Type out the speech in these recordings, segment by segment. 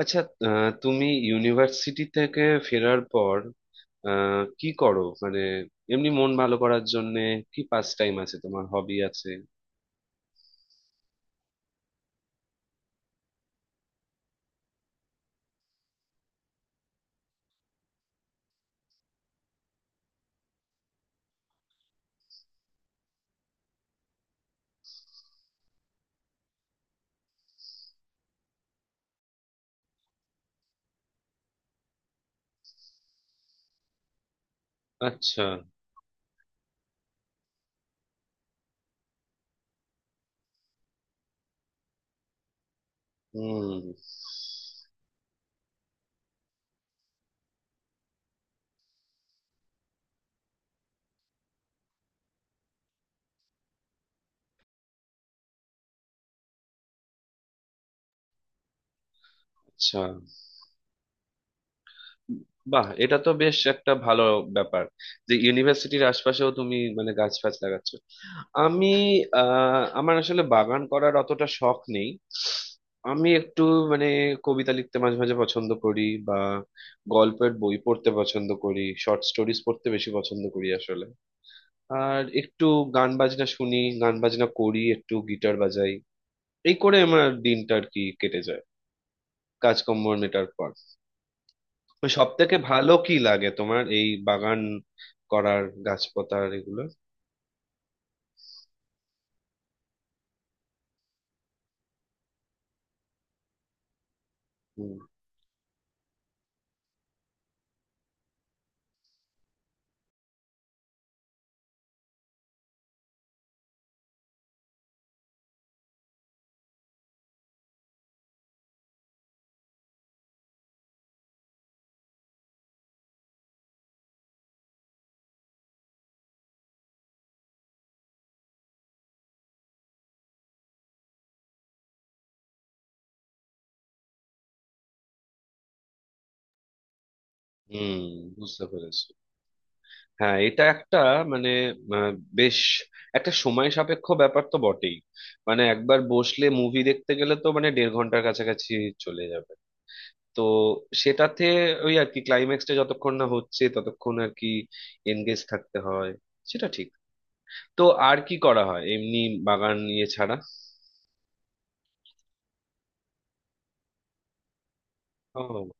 আচ্ছা। তুমি ইউনিভার্সিটি থেকে ফেরার পর কি করো? মানে এমনি মন ভালো করার জন্য কি পাস টাইম আছে, তোমার হবি আছে? আচ্ছা। হুম। আচ্ছা। বাহ, এটা তো বেশ একটা ভালো ব্যাপার যে ইউনিভার্সিটির আশপাশেও তুমি মানে গাছ ফাছ লাগাচ্ছ। আমি আমার আসলে বাগান করার অতটা শখ নেই। আমি একটু মানে কবিতা লিখতে মাঝে মাঝে পছন্দ করি, বা গল্পের বই পড়তে পছন্দ করি, শর্ট স্টোরিজ পড়তে বেশি পছন্দ করি আসলে। আর একটু গান বাজনা শুনি, গান বাজনা করি, একটু গিটার বাজাই। এই করে আমার দিনটা আর কি কেটে যায় কাজকর্ম মেটার পর। তো সব থেকে ভালো কি লাগে তোমার, এই বাগান করার গাছপাতার এগুলো? হুম। হুম, বুঝতে পেরেছি। হ্যাঁ, এটা একটা মানে আহ, বেশ একটা সময় সাপেক্ষ ব্যাপার তো বটেই। মানে একবার বসলে মুভি দেখতে গেলে তো মানে দেড় ঘন্টার কাছাকাছি চলে যাবে। তো সেটাতে ওই আর কি ক্লাইম্যাক্সটা যতক্ষণ না হচ্ছে ততক্ষণ আর কি এনগেজ থাকতে হয়, সেটা ঠিক। তো আর কি করা হয় এমনি, বাগান নিয়ে ছাড়া? ও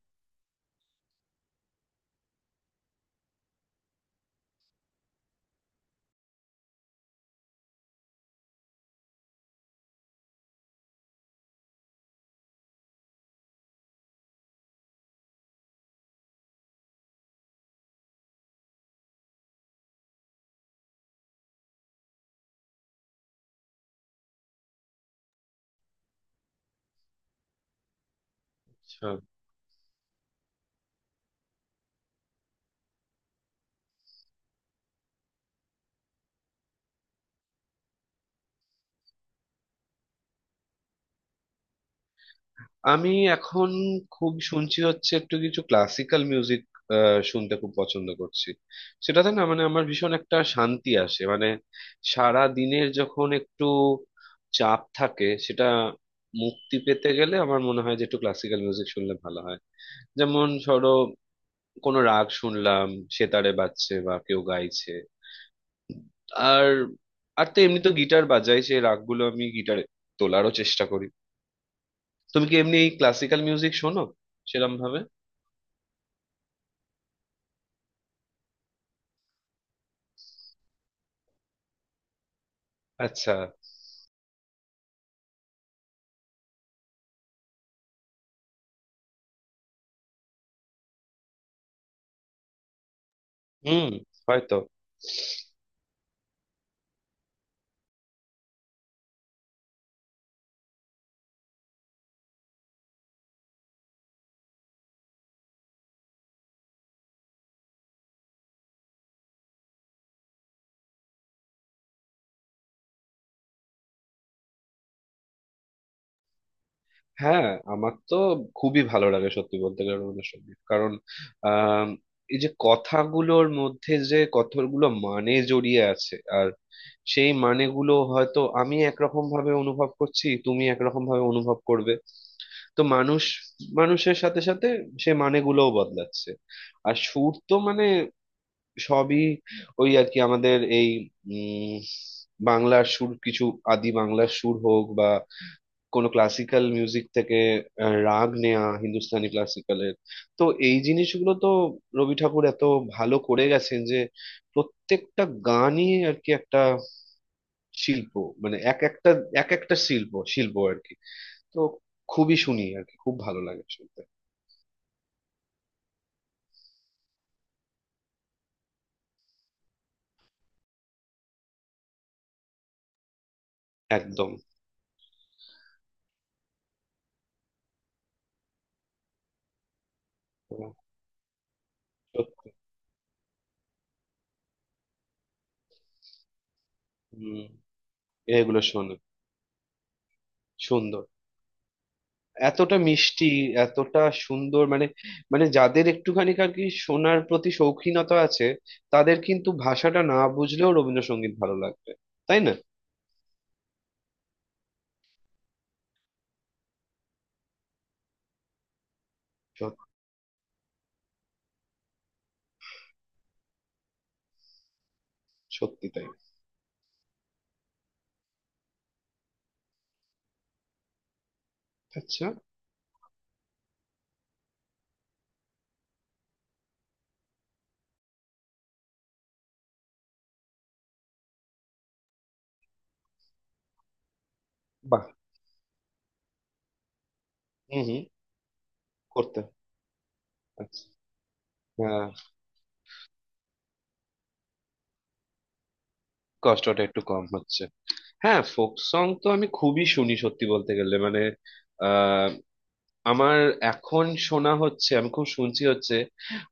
আচ্ছা। আমি এখন খুব শুনছি হচ্ছে একটু কিছু ক্লাসিক্যাল মিউজিক, শুনতে খুব পছন্দ করছি। সেটাতে না মানে আমার ভীষণ একটা শান্তি আসে। মানে সারা দিনের যখন একটু চাপ থাকে, সেটা মুক্তি পেতে গেলে আমার মনে হয় যে একটু ক্লাসিক্যাল মিউজিক শুনলে ভালো হয়। যেমন ধরো কোনো রাগ শুনলাম, সেতারে বাজছে বা কেউ গাইছে। আর আর তো এমনি তো গিটার বাজাই, সেই রাগগুলো আমি গিটারে তোলারও চেষ্টা করি। তুমি কি এমনি ক্লাসিক্যাল মিউজিক শোনো সেরম ভাবে? আচ্ছা। হুম। হয়তো। হ্যাঁ, আমার তো খুবই ভালো লাগে সত্যি বলতে গেলে রবীন্দ্রসঙ্গীত। কারণ আম, এই যে কথাগুলোর মধ্যে যে কতগুলো মানে জড়িয়ে আছে, আর সেই মানেগুলো হয়তো আমি একরকম ভাবে অনুভব করছি, তুমি একরকম ভাবে অনুভব করবে। তো মানুষ মানুষের সাথে সাথে সে মানেগুলোও বদলাচ্ছে। আর সুর তো মানে সবই ওই আর কি আমাদের এই উম বাংলার সুর, কিছু আদি বাংলার সুর হোক বা কোনো ক্লাসিক্যাল মিউজিক থেকে রাগ নেয়া হিন্দুস্তানি ক্লাসিক্যালের। তো এই জিনিসগুলো তো রবি ঠাকুর এত ভালো করে গেছেন যে প্রত্যেকটা গানই আর কি একটা শিল্প। মানে এক একটা, এক একটা শিল্প শিল্প আর কি। তো খুবই শুনি আর কি, খুব ভালো লাগে শুনতে। একদম। সত্যি। হম। এগুলো শোনো। সুন্দর। এতটা মিষ্টি, এতটা সুন্দর মানে, মানে যাদের একটুখানি আর কি শোনার প্রতি শৌখিনতা আছে, তাদের কিন্তু ভাষাটা না বুঝলেও রবীন্দ্রসঙ্গীত ভালো লাগবে, তাই না? সত- সত্যি তাই। আচ্ছা। বাহ। হুম, হুম। করতে। আচ্ছা। হ্যাঁ। কষ্টটা একটু কম হচ্ছে। হ্যাঁ, ফোক সং তো আমি খুবই শুনি সত্যি বলতে গেলে। মানে আমার এখন শোনা হচ্ছে, আমি খুব শুনছি হচ্ছে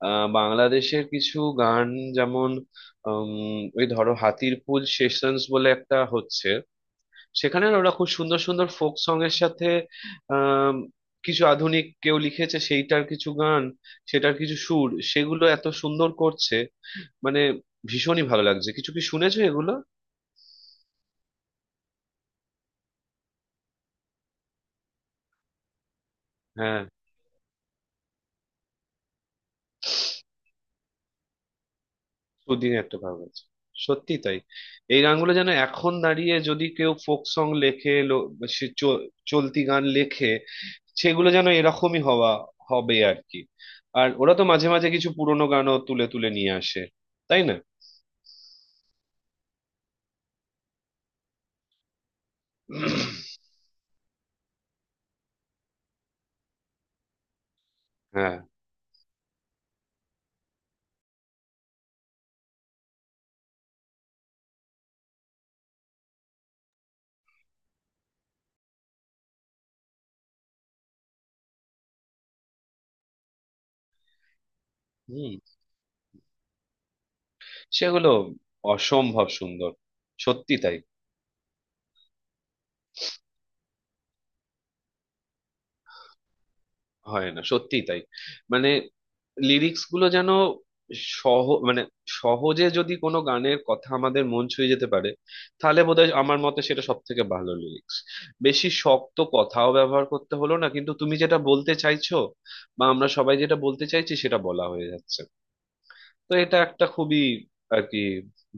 বাংলাদেশের কিছু গান। যেমন ওই ধরো হাতির পুল সেশনস বলে একটা হচ্ছে, সেখানে না ওরা খুব সুন্দর সুন্দর ফোক সং এর সাথে আম, কিছু আধুনিক কেউ লিখেছে সেইটার কিছু গান, সেটার কিছু সুর, সেগুলো এত সুন্দর করছে। মানে ভীষণই ভালো লাগছে। কিছু কি শুনেছো এগুলো? হ্যাঁ। সুদিন একটা ভাব আছে। সত্যি তাই। এই গানগুলো যেন, এখন দাঁড়িয়ে যদি কেউ ফোক সং লেখে সে চ- চলতি গান লেখে, সেগুলো যেন এরকমই হওয়া হবে আর কি। আর ওরা তো মাঝে মাঝে কিছু পুরোনো গানও তুলে তুলে নিয়ে আসে, তাই না? হ্যাঁ। হুম। সেগুলো অসম্ভব সুন্দর। সত্যি তাই। হয় না, সত্যিই তাই। মানে লিরিক্স গুলো যেন মানে সহজে যদি কোনো গানের কথা আমাদের মন ছুঁয়ে যেতে পারে, তাহলে বোধহয় আমার মতে সেটা সব থেকে ভালো লিরিক্স। বেশি শক্ত কথাও ব্যবহার করতে হলো না, কিন্তু তুমি যেটা বলতে চাইছো বা আমরা সবাই যেটা বলতে চাইছি সেটা বলা হয়ে যাচ্ছে। তো এটা একটা খুবই আর কি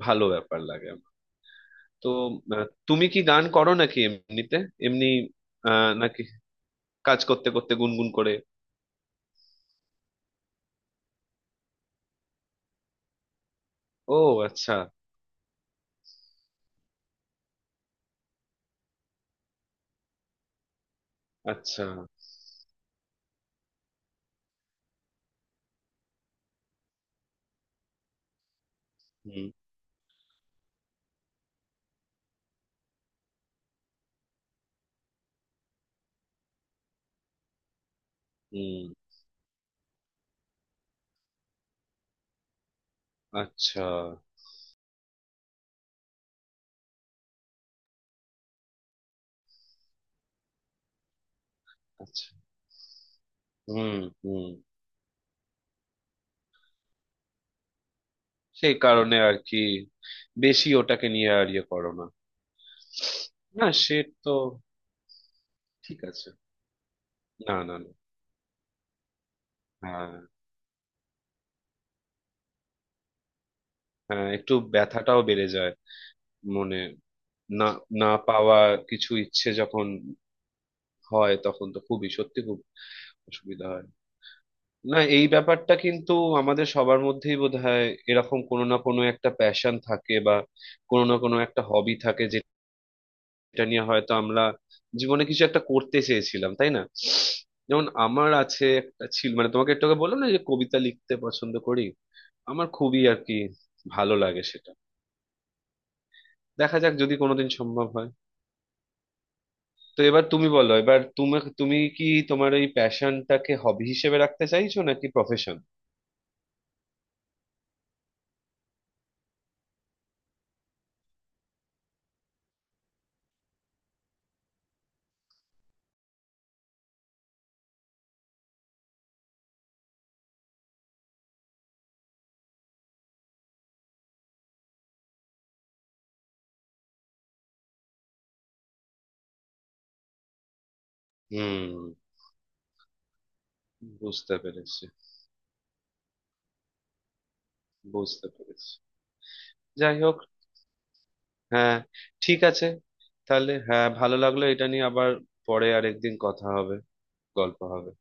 ভালো ব্যাপার লাগে আমার। তো তুমি কি গান করো নাকি এমনিতে? এমনি নাকি কাজ করতে করতে গুনগুন করে? ও আচ্ছা। আচ্ছা। হুম, হুম। আচ্ছা। আচ্ছা। হুম, হুম। সেই কারণে আর কি বেশি ওটাকে নিয়ে আর ইয়ে করো না। না সে, তো ঠিক আছে। না, না, না। হ্যাঁ। হ্যাঁ, একটু ব্যথাটাও বেড়ে যায় মনে। না, না পাওয়া কিছু ইচ্ছে যখন হয় তখন তো খুবই সত্যি খুব অসুবিধা হয়। না এই ব্যাপারটা কিন্তু আমাদের সবার মধ্যেই বোধহয় এরকম কোনো না কোনো একটা প্যাশন থাকে, বা কোনো না কোনো একটা হবি থাকে। এটা নিয়ে হয়তো আমরা জীবনে কিছু একটা করতে চেয়েছিলাম, তাই না? যেমন আমার আছে একটা, ছিল মানে, তোমাকে একটু আগে বললাম না যে কবিতা লিখতে পছন্দ করি, আমার খুবই আর কি ভালো লাগে সেটা। দেখা যাক যদি কোনোদিন সম্ভব হয়। তো এবার তুমি বলো, এবার তুমি তুমি কি তোমার এই প্যাশনটাকে হবি হিসেবে রাখতে চাইছো নাকি প্রফেশন? হুম। বুঝতে পেরেছি। বুঝতে পেরেছি। যাই হোক। হ্যাঁ। ঠিক আছে। তাহলে হ্যাঁ, ভালো লাগলো। এটা নিয়ে আবার পরে আরেকদিন কথা হবে, গল্প হবে।